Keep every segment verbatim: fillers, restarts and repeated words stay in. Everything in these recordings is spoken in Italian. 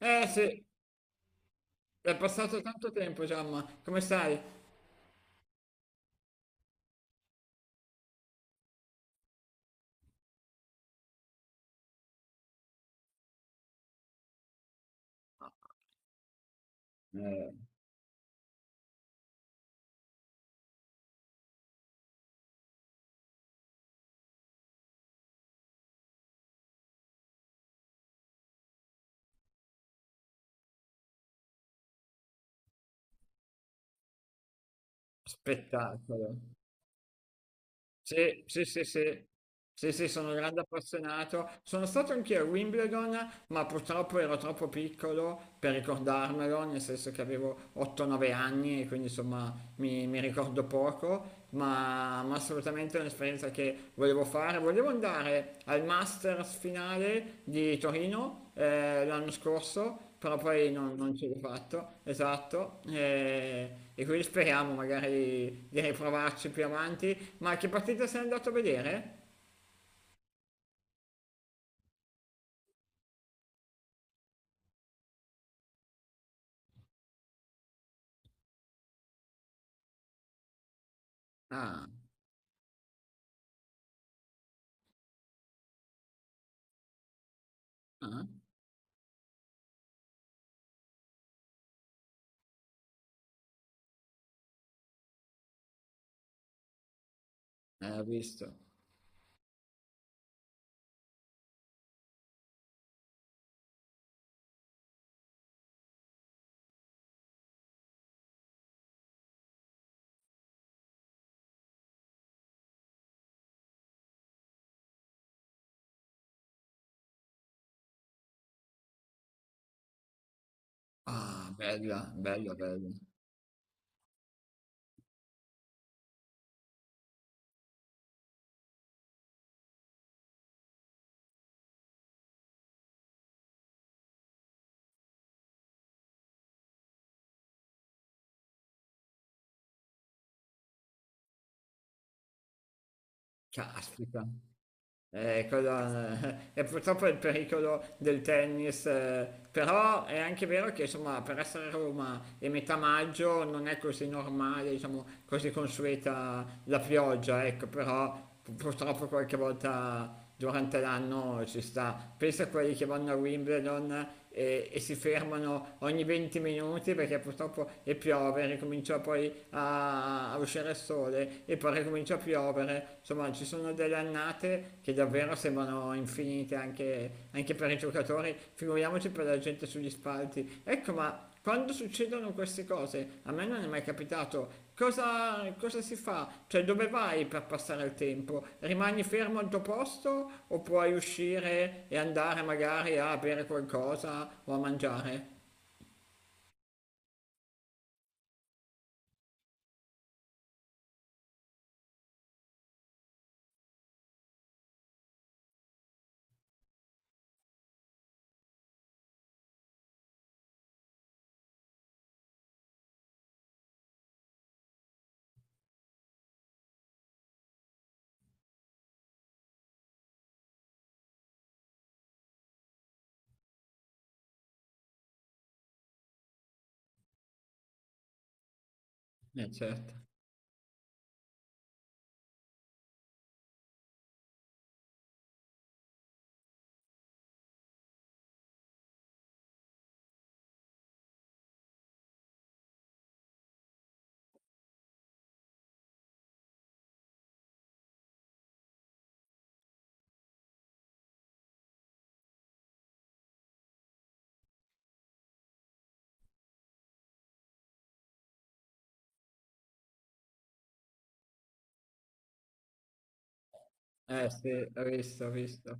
Eh sì, è passato tanto tempo, Giamma. Come stai? Eh, spettacolo. Sì, sì, sì, sì. Sì, sì, sono un grande appassionato. Sono stato anche a Wimbledon, ma purtroppo ero troppo piccolo per ricordarmelo, nel senso che avevo otto nove anni e quindi insomma mi, mi ricordo poco, ma, ma assolutamente è un'esperienza che volevo fare. Volevo andare al Masters finale di Torino eh, l'anno scorso, però poi non, non ce l'ho fatto, esatto, e, e quindi speriamo magari di riprovarci più avanti. Ma che partita sei andato a vedere? Ah, ah, eh, ho visto. Ah, bella, bella, bella. Caspita. Eh, quella- è purtroppo il pericolo del tennis, eh, però è anche vero che insomma per essere a Roma e metà maggio non è così normale, diciamo così consueta la pioggia, ecco, però pu- purtroppo qualche volta durante l'anno ci sta. Pensa a quelli che vanno a Wimbledon e, e si fermano ogni venti minuti perché purtroppo e piove, ricomincia poi a, a uscire il sole e poi ricomincia a piovere. Insomma, ci sono delle annate che davvero sembrano infinite anche, anche per i giocatori, figuriamoci per la gente sugli spalti. Ecco, ma quando succedono queste cose, a me non è mai capitato, cosa, cosa si fa? Cioè dove vai per passare il tempo? Rimani fermo al tuo posto o puoi uscire e andare magari a bere qualcosa o a mangiare? Eh certo, eh sì, ho visto, ho visto.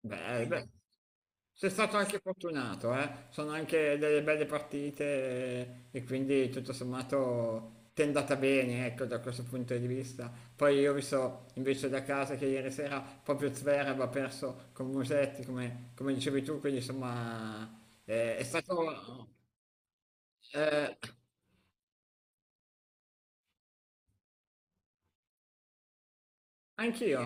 Beh, beh. Sei stato anche fortunato, eh? Sono anche delle belle partite e quindi tutto sommato ti è andata bene, ecco, da questo punto di vista. Poi io ho visto invece da casa che ieri sera proprio Zverev ha perso con Musetti, come, come dicevi tu, quindi insomma eh, è stato... eh, anch'io,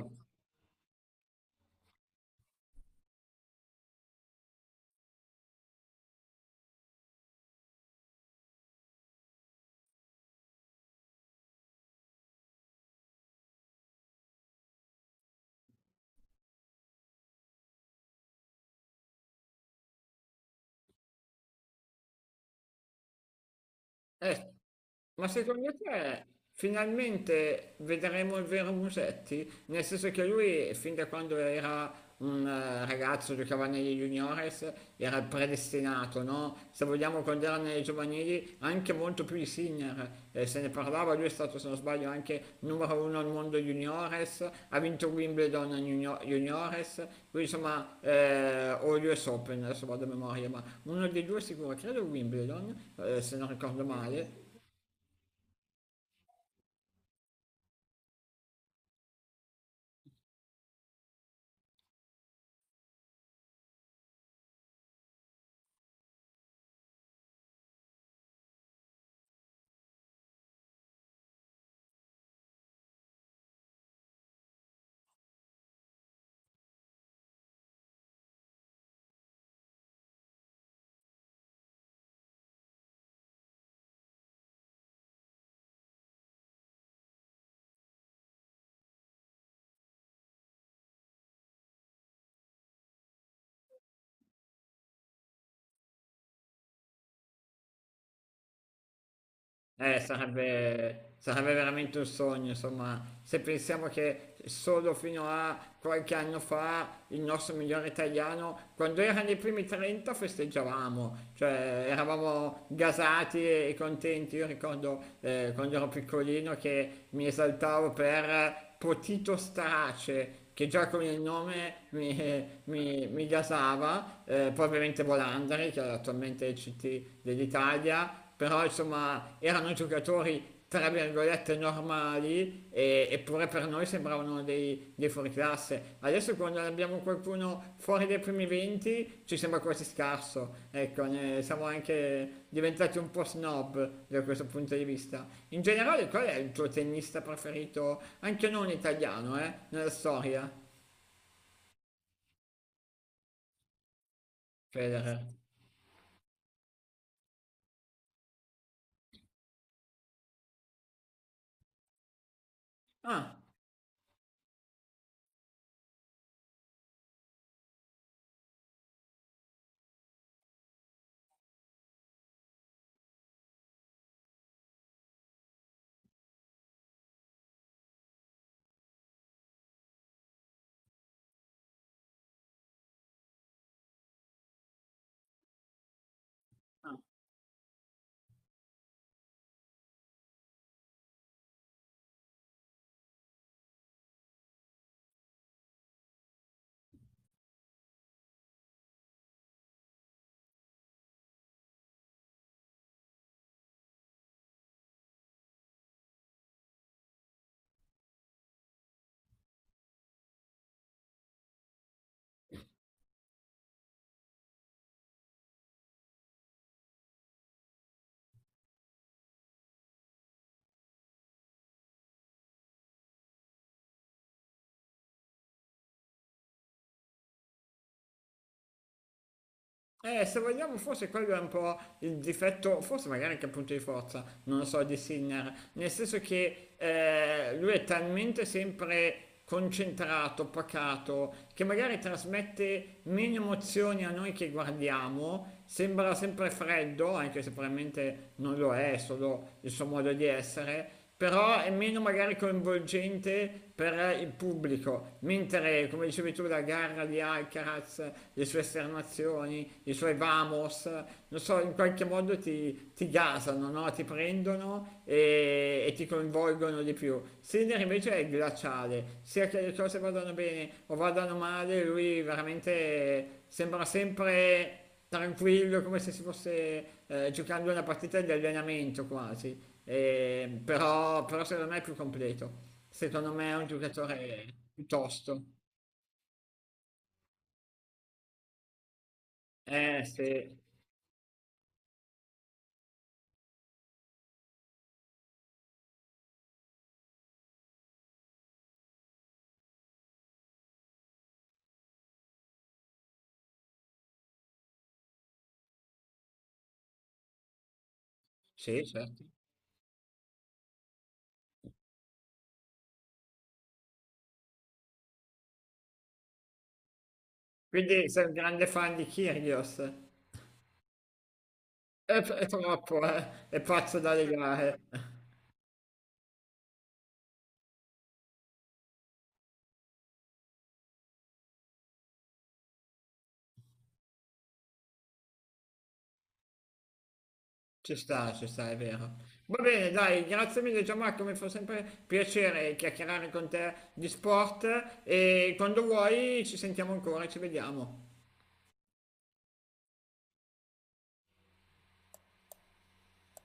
eh, ma secondo te finalmente vedremo il vero Musetti? Nel senso che lui, fin da quando era un eh, ragazzo, giocava negli juniores, era predestinato, no? Se vogliamo, quando era nelle giovanili, anche molto più di Sinner. Eh, se ne parlava, lui è stato, se non sbaglio, anche numero uno al mondo juniores, ha vinto Wimbledon junior- juniores, lui insomma, eh, o l'U S Open, adesso vado a memoria, ma uno dei due sicuro, credo Wimbledon, eh, se non ricordo male, eh, sarebbe, sarebbe veramente un sogno, insomma, se pensiamo che solo fino a qualche anno fa il nostro migliore italiano, quando era nei primi trenta, festeggiavamo, cioè eravamo gasati e contenti. Io ricordo eh, quando ero piccolino che mi esaltavo per Potito Strace, che già con il nome mi, mi, mi gasava, eh, poi ovviamente Volandri, che è attualmente il C T dell'Italia, però insomma erano giocatori tra virgolette normali e- eppure per noi sembravano dei, dei fuoriclasse classe. Adesso quando abbiamo qualcuno fuori dai primi venti ci sembra quasi scarso, ecco, ne siamo anche diventati un po' snob da questo punto di vista. In generale qual è il tuo tennista preferito, anche non italiano, eh, nella storia? Federer. Ah. Eh, se vogliamo, forse quello è un po' il difetto, forse magari anche il punto di forza, non lo so, di Sinner, nel senso che eh, lui è talmente sempre concentrato, pacato, che magari trasmette meno emozioni a noi che guardiamo, sembra sempre freddo, anche se probabilmente non lo è, è solo il suo modo di essere, però è meno magari coinvolgente per il pubblico, mentre come dicevi tu la gara di Alcaraz, le sue esternazioni, i suoi vamos, non so, in qualche modo ti, ti gasano, no? Ti prendono e, e ti coinvolgono di più. Sinner invece è glaciale, sia che le cose vadano bene o vadano male, lui veramente sembra sempre tranquillo, come se si fosse eh, giocando una partita di allenamento quasi. Eh, però, però secondo me è più completo. Secondo me è un giocatore piuttosto. Eh, sì, sì, certo. Quindi sei un grande fan di Kyrgios. È, è troppo, eh. È pazzo da legare. Ci sta, ci sta, è vero. Va bene, dai, grazie mille Gianmarco, mi fa sempre piacere chiacchierare con te di sport e quando vuoi ci sentiamo ancora, ci vediamo.